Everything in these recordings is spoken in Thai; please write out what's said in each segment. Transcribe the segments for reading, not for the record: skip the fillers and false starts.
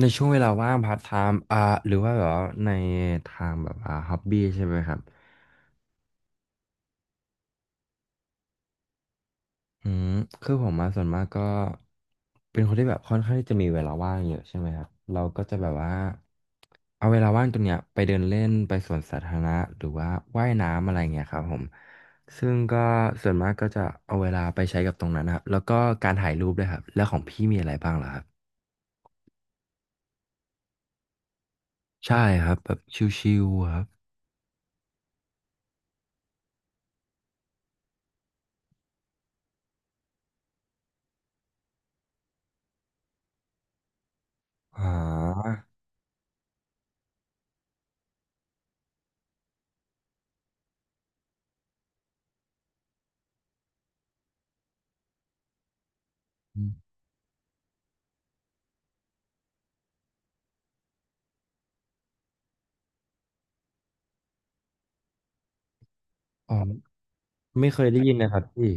ในช่วงเวลาว่างพาร์ทไทม์หรือว่าแบบว่าในทางแบบฮ็อบบี้ใช่ไหมครับอืมคือผมมาส่วนมากก็เป็นคนที่แบบค่อนข้างที่จะมีเวลาว่างเยอะใช่ไหมครับเราก็จะแบบว่าเอาเวลาว่างตรงเนี้ยไปเดินเล่นไปสวนสาธารณะหรือว่าว่ายน้ำอะไรเงี้ยครับผมซึ่งก็ส่วนมากก็จะเอาเวลาไปใช้กับตรงนั้นนะครับแล้วก็การถ่ายรูปด้วยครับแล้วของพี่มีอะไรบ้างเหรอครับใช่ครับแบบชิลๆครับอออ๋อไม่เคยได้ยินนะครับพี่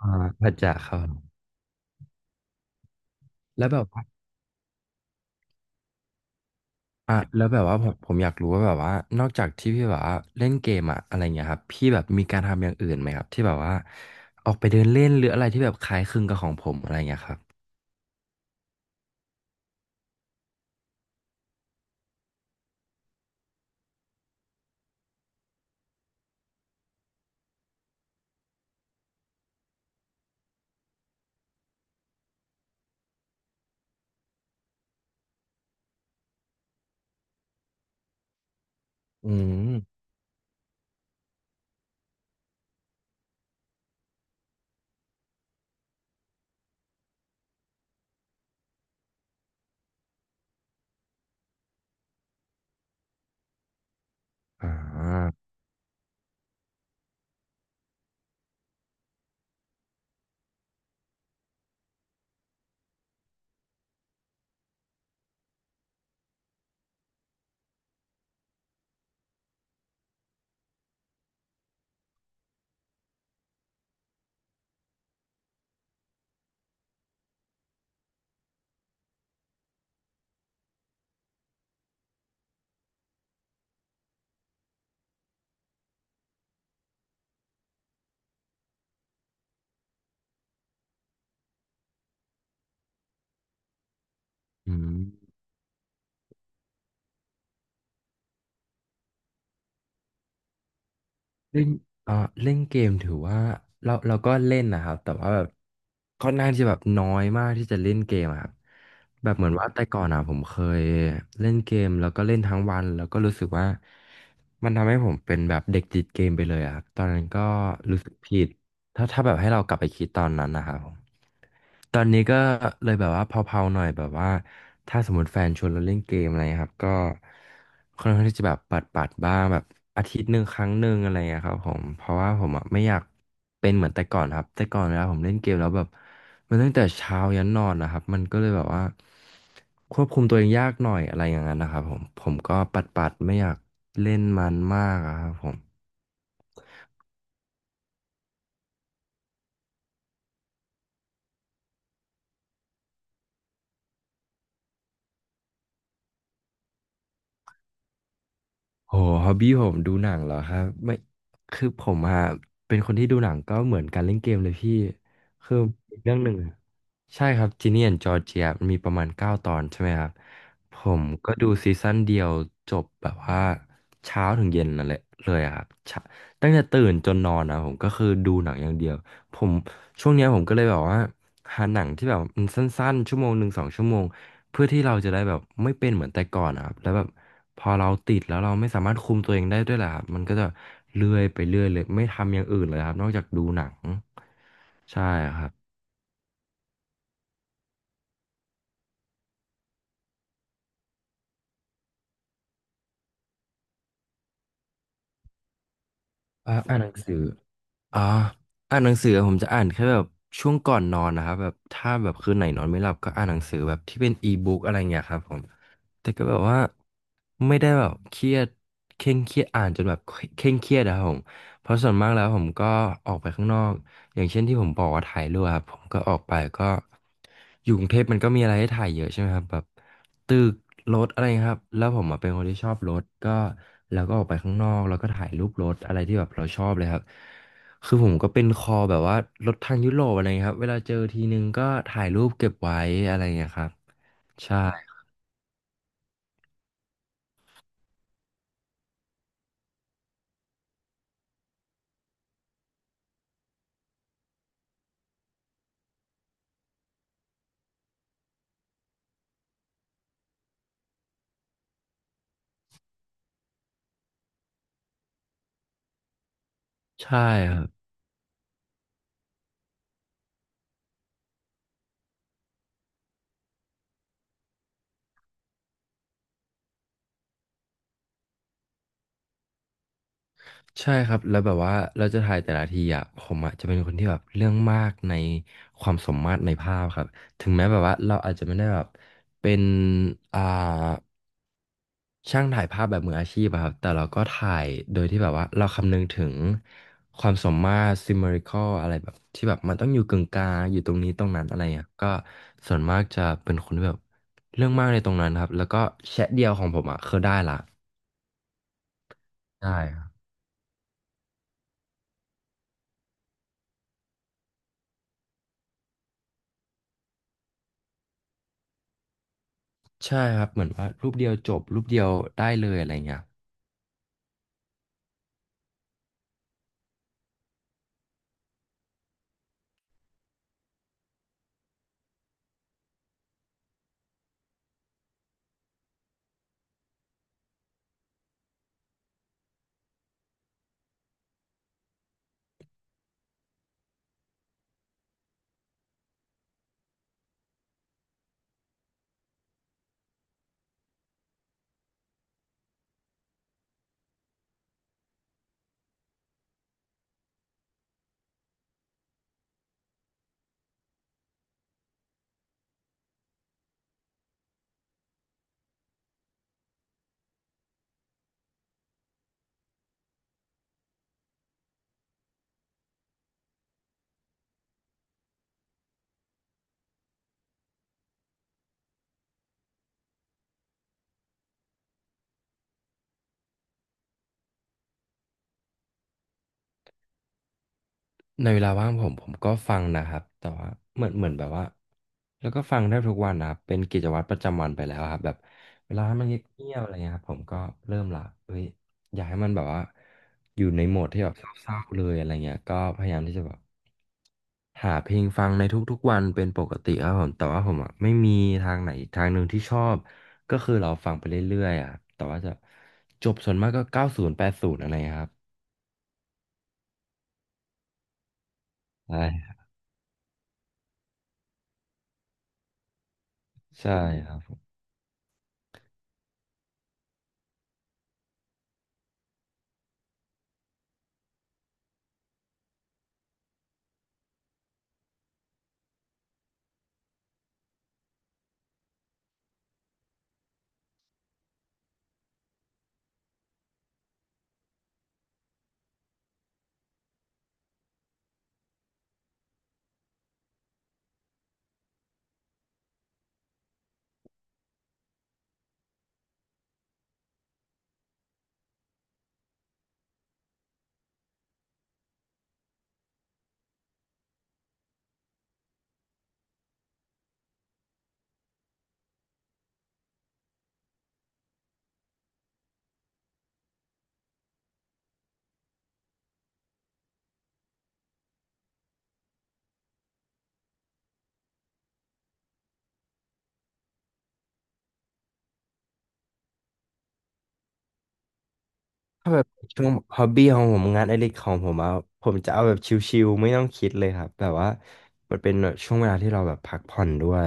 อ่าผัดจะครับแล้วแบบว่าแล้วแบบว่าผมอยากรู้ว่าแบบว่านอกจากที่พี่แบบว่าเล่นเกมอะอะไรเงี้ยครับพี่แบบมีการทำอย่างอื่นไหมครับที่แบบว่าออกไปเดินเล่นหรืออะไรที่แบบคล้ายคลึงกับของผมอะไรเงี้ยครับอืมอ่าอืม เล่นเอ่อเล่นเกมถือว่าเราก็เล่นนะครับแต่ว่าแบบค่อนข้างที่จะแบบน้อยมากที่จะเล่นเกมอะครับแบบเหมือนว่าแต่ก่อนอ่ะผมเคยเล่นเกมแล้วก็เล่นทั้งวันแล้วก็รู้สึกว่ามันทำให้ผมเป็นแบบเด็กติดเกมไปเลยอะครับตอนนั้นก็รู้สึกผิด ถ้าแบบให้เรากลับไปคิดตอนนั้นนะครับผมตอนนี้ก็เลยแบบว่าเผาๆหน่อยแบบว่าถ้าสมมติแฟนชวนเราเล่นเกมอะไรครับก็ค่อนข้างที่จะแบบปัดๆบ้างแบบอาทิตย์หนึ่งครั้งหนึ่งอะไรอย่างเงี้ยครับผมเพราะว่าผมอ่ะไม่อยากเป็นเหมือนแต่ก่อนครับแต่ก่อนเวลาผมเล่นเกมแล้วแบบมันตั้งแต่เช้ายันนอนนะครับมันก็เลยแบบว่าควบคุมตัวเองยากหน่อยอะไรอย่างนั้นนะครับผมก็ปัดๆไม่อยากเล่นมันมากอะครับผม โหฮอบบี้ผมดูหนังเหรอครับไม่คือผมอะเป็นคนที่ดูหนังก็เหมือนการเล่นเกมเลยพี่คือเรื่องหนึ่งอะใช่ครับจีเนียนจอร์เจียมันมีประมาณเก้าตอนใช่ไหมครับผมก็ดูซีซั่นเดียวจบแบบว่าเช้าถึงเย็นนั่นแหละเลยอะครับเช้าตั้งแต่ตื่นจนนอนนะผมก็คือดูหนังอย่างเดียวผมช่วงเนี้ยผมก็เลยแบบว่าหาหนังที่แบบมันสั้นๆชั่วโมงหนึ่ง2 ชั่วโมง เพื่อที่เราจะได้แบบไม่เป็นเหมือนแต่ก่อนนะครับแล้วแบบพอเราติดแล้วเราไม่สามารถคุมตัวเองได้ด้วยแหละครับมันก็จะเลื่อยไปเรื่อยเลยไม่ทำอย่างอื่นเลยครับนอกจากดูหนังใช่ครับอ่านหนังสือ อ่าอ่านหนังสือผมจะอ่านแค่แบบช่วงก่อนนอนนะครับแบบถ้าแบบคืนไหนนอนไม่หลับก็อ่านหนังสือแบบที่เป็นอีบุ๊กอะไรเงี้ยครับผมแต่ก็แบบว่าไม่ได้แบบเคร่งเครียดอ่านจนแบบเคร่งเครียดนะครับผมเพราะส่วนมากแล้วผมก็ออกไปข้างนอกอย่างเช่นที่ผมบอกว่าถ่ายรูปครับผมก็ออกไปก็อยู่กรุงเทพมันก็มีอะไรให้ถ่ายเยอะใช่ไหมครับแบบตึกรถอะไรครับแล้วผมอะเป็นคนที่ชอบรถก็แล้วก็ออกไปข้างนอกแล้วก็ถ่ายรูปรถอะไรที่แบบเราชอบเลยครับ คือผมก็เป็นคอแบบว่ารถทางยุโรปอะไรเงี้ยครับ เวลาเจอทีนึงก็ถ่ายรูปเก็บไว้อะไรเงี้ยครับใช่ ใช่ครับ ใช่ครับ แล้วแบบว่าเราจะถ่ายแต่ละทีอ่ะผมอ่ะจะเป็นคนที่แบบเรื่องมากในความสมมาตรในภาพครับ ถึงแม้แบบว่าเราอาจจะไม่ได้แบบเป็นอ่า ช่างถ่ายภาพแบบมืออาชีพอะครับแต่เราก็ถ่ายโดยที่แบบว่าเราคำนึงถึงความสมมาตร symmetrical อะไรแบบที่แบบมันต้องอยู่กึ่งกลางอยู่ตรงนี้ตรงนั้นอะไรเงี้ยก็ส่วนมากจะเป็นคนที่แบบเรื่องมากในตรงนั้นครับแล้วก็แชะเดียวของผมอะคือได้ละได้ครับใช่ครับเหมือนว่ารูปเดียวจบรูปเดียวได้เลยอะไรเงี้ย ในเวลาว่างผมก็ฟังนะครับแต่ว่าเหมือนแบบว่าแล้วก็ฟังได้ทุกวันนะครับเป็นกิจวัตรประจำวันไปแล้วครับแบบเวลามันเงียบๆอะไรเงี้ยครับผมก็เริ่มละเอ้ยอยากให้มันแบบว่าอยู่ในโหมดที่แบบเศร้าๆเลยอะไรเงี้ยก็พยายามที่จะแบบหาเพลงฟังในทุกๆวันเป็นปกติครับผมแต่ว่าผมอ่ะไม่มีทางไหนอีกทางหนึ่งที่ชอบก็คือเราฟังไปเรื่อยๆอ่ะแต่ว่าจะจบส่วนมากก็90 80อะไรเงี้ยครับใช่ใช่ครับ ถ้าแบบช่วงฮอบบี้ของผมงานอดิเรกของผมอะผมจะเอาแบบชิลๆไม่ต้องคิดเลยครับแบบว่ามันเป็นแบบช่วงเวลาที่เราแบบพักผ่อนด้วย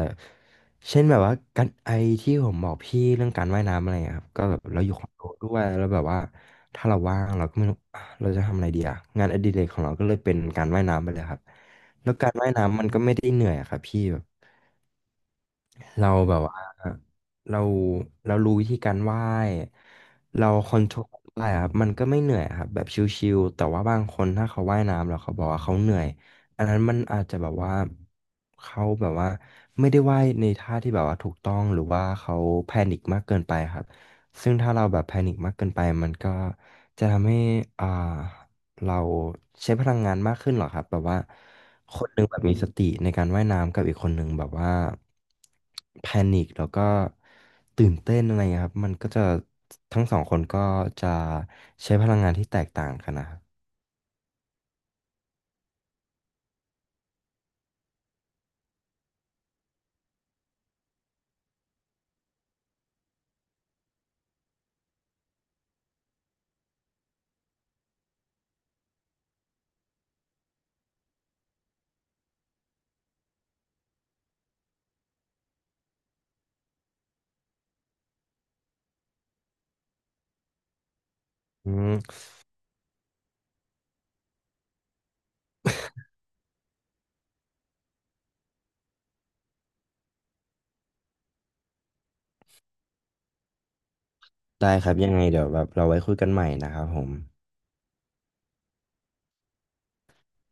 เช่นแบบว่าการไอที่ผมบอกพี่เรื่องการว่ายน้ำอะไรอะครับก็แบบเราอยู่คอนโดด้วยแล้วแบบว่าถ้าเราว่างเราก็ไม่รู้อ่ะเราจะทำอะไรดีอะงานอดิเรกของเราก็เลยเป็นการว่ายน้ำไปเลยครับแล้วการว่ายน้ำมันก็ไม่ได้เหนื่อยอะครับพี่ เราแบบว่าเราเรารู้วิธีการไหว้เราคอนโทรลไหว้อะครับมันก็ไม่เหนื่อยครับแบบชิลๆแต่ว่าบางคนถ้าเขาว่ายน้ำแล้วเขาบอกว่าเขาเหนื่อยอันนั้นมันอาจจะแบบว่าเขาแบบว่าไม่ได้ว่ายในท่าที่แบบว่าถูกต้องหรือว่าเขาแพนิคมากเกินไปครับซึ่งถ้าเราแบบแพนิคมากเกินไปมันก็จะทำให้อ่า เราใช้พลังงานมากขึ้นเหรอครับแบบว่าคนหนึ่งแบบมีสติในการว่ายน้ำกับอีกคนหนึ่งแบบว่าแพนิคแล้วก็ตื่นเต้นอะไรเงี้ยครับมันก็จะทั้งสองคนก็จะใช้พลังงานที่แตกต่างกันนะครับอืมได้ครับยังไงเดี๋ยวแบบเราไว้คุยกันใหม่นะครับผม